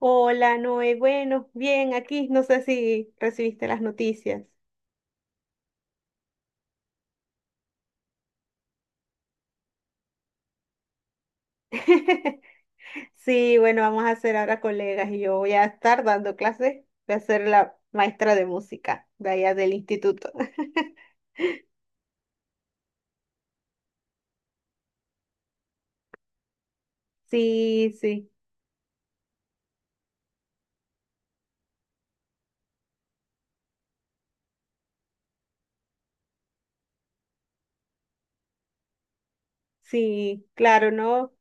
Hola, Noé. Bueno, bien, aquí no sé si recibiste las noticias. Sí, bueno, vamos a ser ahora colegas y yo voy a estar dando clases. Voy a ser la maestra de música de allá del instituto. Sí, sí, sí, claro, ¿no?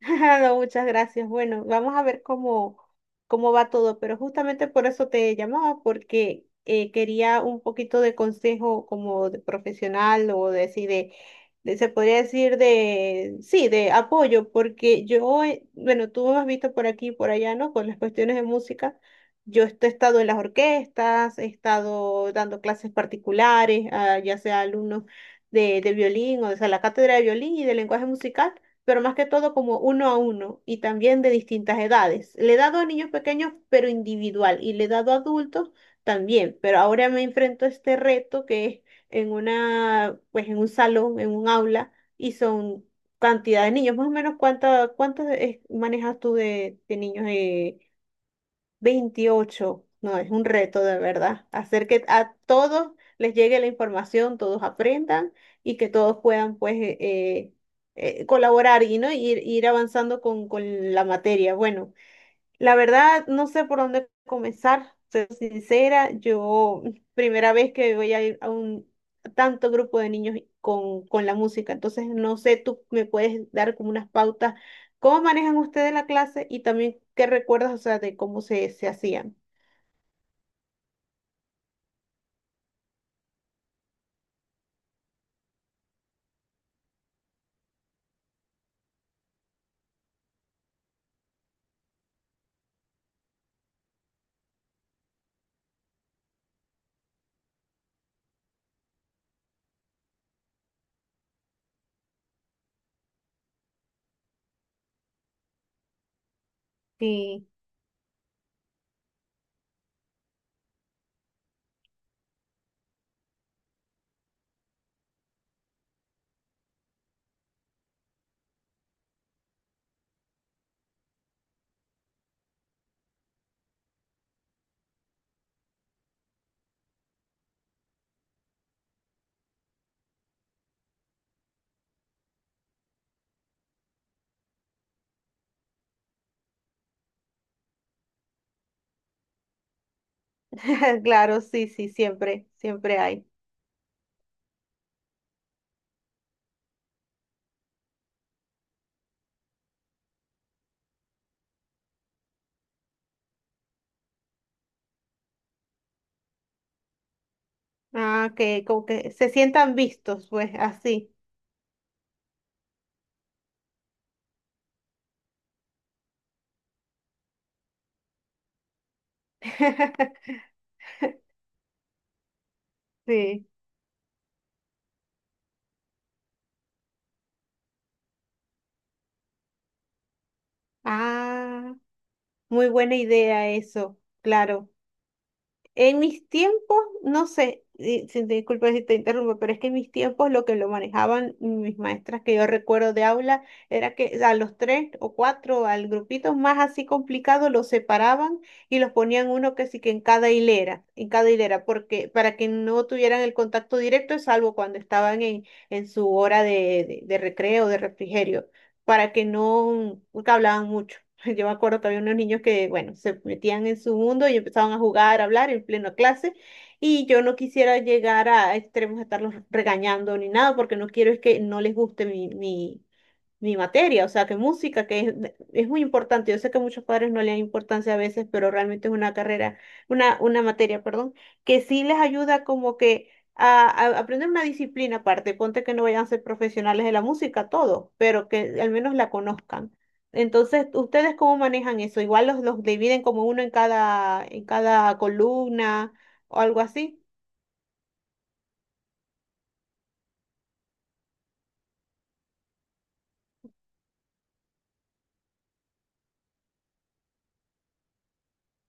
No, muchas gracias. Bueno, vamos a ver cómo va todo, pero justamente por eso te llamaba, porque quería un poquito de consejo como de profesional o de, se podría decir de, sí, de apoyo, porque yo, bueno, tú me has visto por aquí y por allá, ¿no? Con las cuestiones de música. He estado en las orquestas, he estado dando clases particulares, a, ya sea alumnos de violín, o sea, la cátedra de violín y de lenguaje musical, pero más que todo como uno a uno y también de distintas edades. Le he dado a niños pequeños, pero individual, y le he dado a adultos también, pero ahora me enfrento a este reto que es en una, pues en un salón, en un aula, y son cantidad de niños. Más o menos, cuántos manejas tú de niños, 28. No, es un reto de verdad. Hacer que a todos les llegue la información, todos aprendan y que todos puedan pues colaborar y, ¿no? ir, ir avanzando con la materia. Bueno, la verdad, no sé por dónde comenzar. Soy sincera, yo primera vez que voy a ir a un tanto grupo de niños con la música. Entonces no sé, tú me puedes dar como unas pautas, cómo manejan ustedes la clase y también qué recuerdas, o sea, de cómo se hacían. Sí, claro, sí, sí, siempre, siempre hay. Ah, que como que se sientan vistos, pues así. Sí. Ah, muy buena idea eso, claro. En mis tiempos, no sé, disculpa si te interrumpo, pero es que en mis tiempos lo que lo manejaban mis maestras que yo recuerdo de aula era que a los tres o cuatro, al grupito más así complicado, los separaban y los ponían uno que sí que en cada hilera, porque para que no tuvieran el contacto directo, salvo cuando estaban en su hora de recreo, de refrigerio, para que no, porque hablaban mucho. Yo me acuerdo que había unos niños que, bueno, se metían en su mundo y empezaban a jugar, a hablar en plena clase. Y yo no quisiera llegar a extremos de estarlos regañando ni nada, porque no quiero es que no les guste mi materia, o sea, que música, que es muy importante. Yo sé que a muchos padres no le dan importancia a veces, pero realmente es una carrera, una materia, perdón, que sí les ayuda como que a aprender una disciplina aparte. Ponte que no vayan a ser profesionales de la música, todo, pero que al menos la conozcan. Entonces, ¿ustedes cómo manejan eso? Igual los dividen como uno en cada columna o algo así.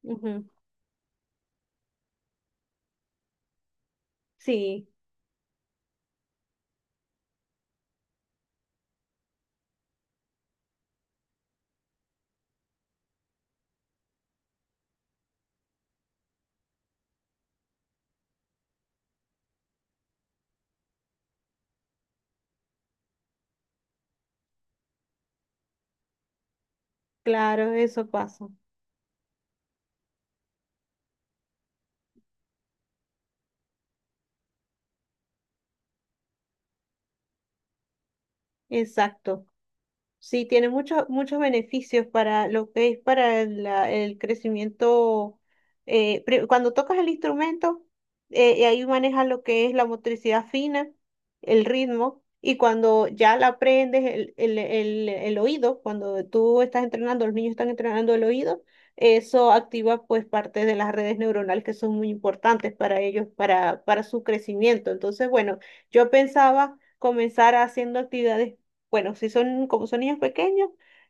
Ujú. Sí, claro, eso pasa. Exacto. Sí, tiene muchos muchos beneficios para lo que es para la- el crecimiento. Cuando tocas el instrumento, y ahí manejas lo que es la motricidad fina, el ritmo, y cuando ya la aprendes, el oído, cuando tú estás entrenando, los niños están entrenando el oído, eso activa pues parte de las redes neuronales que son muy importantes para ellos, para su crecimiento. Entonces, bueno, yo pensaba comenzar haciendo actividades, bueno, si son como son niños pequeños,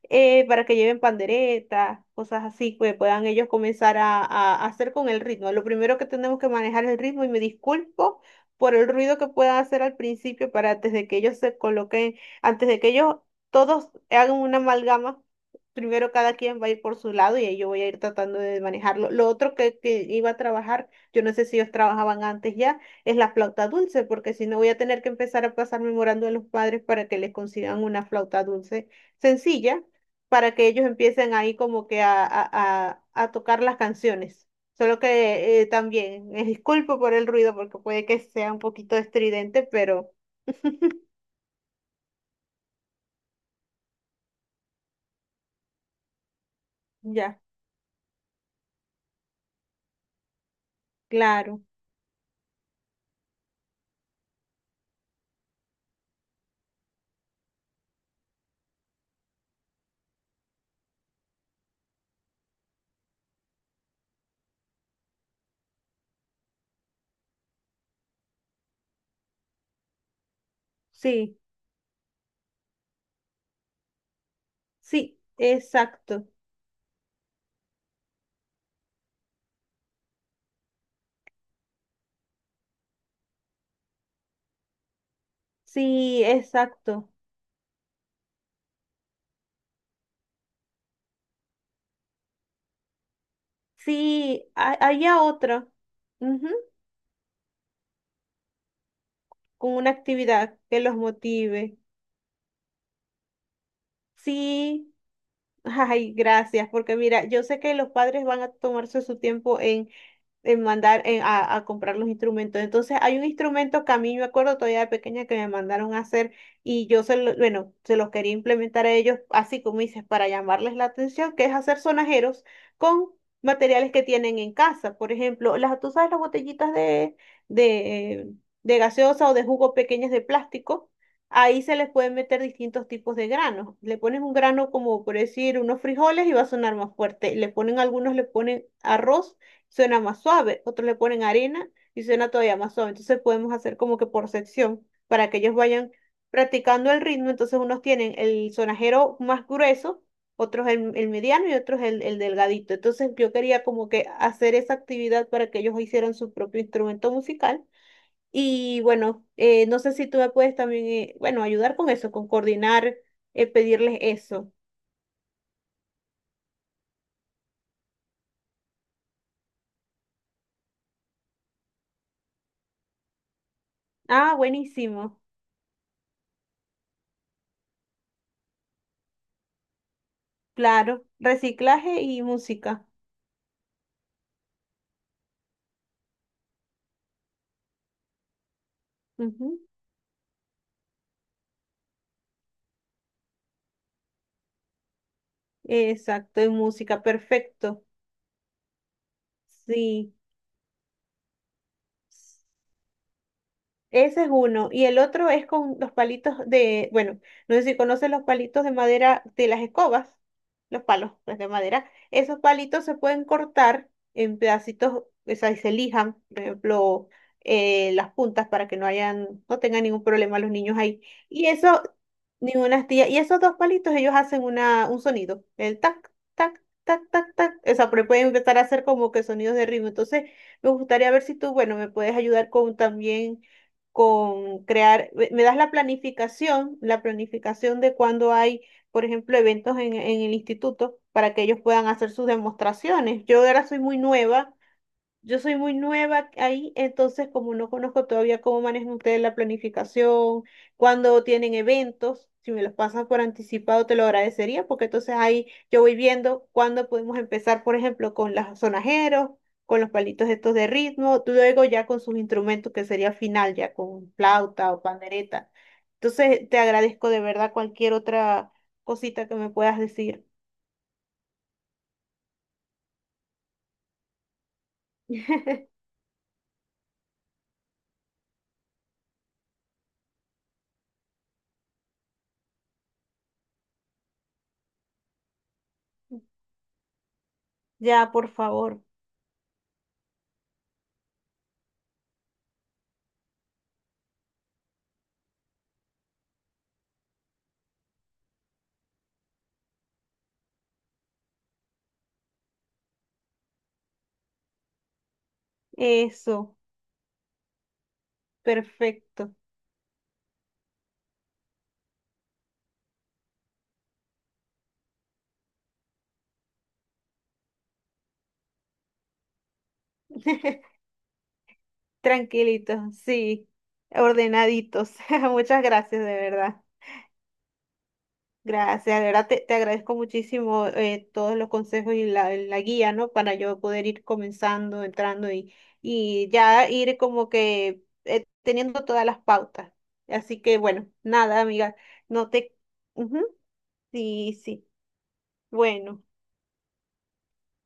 para que lleven panderetas, cosas así, que puedan ellos comenzar a hacer con el ritmo. Lo primero que tenemos que manejar es el ritmo, y me disculpo por el ruido que puedan hacer al principio, para antes de que ellos se coloquen, antes de que ellos todos hagan una amalgama. Primero cada quien va a ir por su lado y ahí yo voy a ir tratando de manejarlo. Lo otro que iba a trabajar, yo no sé si ellos trabajaban antes ya, es la flauta dulce, porque si no voy a tener que empezar a pasar memorando a los padres para que les consigan una flauta dulce sencilla, para que ellos empiecen ahí como que a tocar las canciones. Solo que también, me disculpo por el ruido porque puede que sea un poquito estridente, pero ya, claro, sí, sí, exacto, sí, exacto, sí, haya otra, ujú, con una actividad que los motive. Sí, ay, gracias, porque mira, yo sé que los padres van a tomarse su tiempo en mandar a comprar los instrumentos. Entonces, hay un instrumento que a mí me acuerdo todavía de pequeña que me mandaron a hacer y yo se lo, bueno, se los quería implementar a ellos, así como dices, para llamarles la atención, que es hacer sonajeros con materiales que tienen en casa. Por ejemplo, las, tú sabes, las botellitas de, de gaseosa o de jugo pequeñas de plástico, ahí se les pueden meter distintos tipos de granos. Le ponen un grano como por decir unos frijoles y va a sonar más fuerte. Le ponen algunos, le ponen arroz, suena más suave. Otros le ponen harina y suena todavía más suave. Entonces podemos hacer como que por sección para que ellos vayan practicando el ritmo. Entonces unos tienen el sonajero más grueso, otros el mediano y otros el delgadito. Entonces yo quería como que hacer esa actividad para que ellos hicieran su propio instrumento musical. Y bueno, no sé si tú me puedes también, bueno, ayudar con eso, con coordinar, pedirles eso. Ah, buenísimo. Claro, reciclaje y música. Ujú, exacto, y música, perfecto. Sí. Ese es uno. Y el otro es con los palitos de, bueno, no sé si conoces los palitos de madera de las escobas, los palos pues, de madera. Esos palitos se pueden cortar en pedacitos, o sea, y se lijan, por ejemplo, las puntas para que no hayan, no tengan ningún problema los niños ahí. Y eso, ninguna astilla. Y esos dos palitos, ellos hacen una, un sonido, el tac, tac, tac, tac, tac. O sea, pero pueden empezar a hacer como que sonidos de ritmo. Entonces, me gustaría ver si tú, bueno, me puedes ayudar con también con, crear, me das la planificación de cuando hay, por ejemplo, eventos en el instituto para que ellos puedan hacer sus demostraciones. Yo soy muy nueva ahí, entonces como no conozco todavía cómo manejan ustedes la planificación, cuando tienen eventos, si me los pasan por anticipado te lo agradecería, porque entonces ahí yo voy viendo cuándo podemos empezar, por ejemplo, con los sonajeros, con los palitos estos de ritmo, luego ya con sus instrumentos, que sería final, ya con flauta o pandereta. Entonces te agradezco de verdad cualquier otra cosita que me puedas decir. Ya, por favor. Eso, perfecto. Tranquilitos, sí, ordenaditos. Muchas gracias, de verdad. Gracias, de verdad te, te agradezco muchísimo todos los consejos y la guía, ¿no? Para yo poder ir comenzando, entrando y ya ir como que teniendo todas las pautas. Así que bueno, nada, amiga, no te... Ujú, sí, sí. Bueno,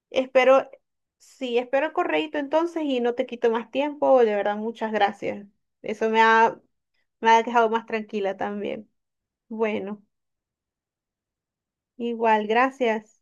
espero, sí, espero el correíto entonces y no te quito más tiempo. De verdad, muchas gracias. Eso me ha... Me ha dejado más tranquila también. Bueno, igual, gracias.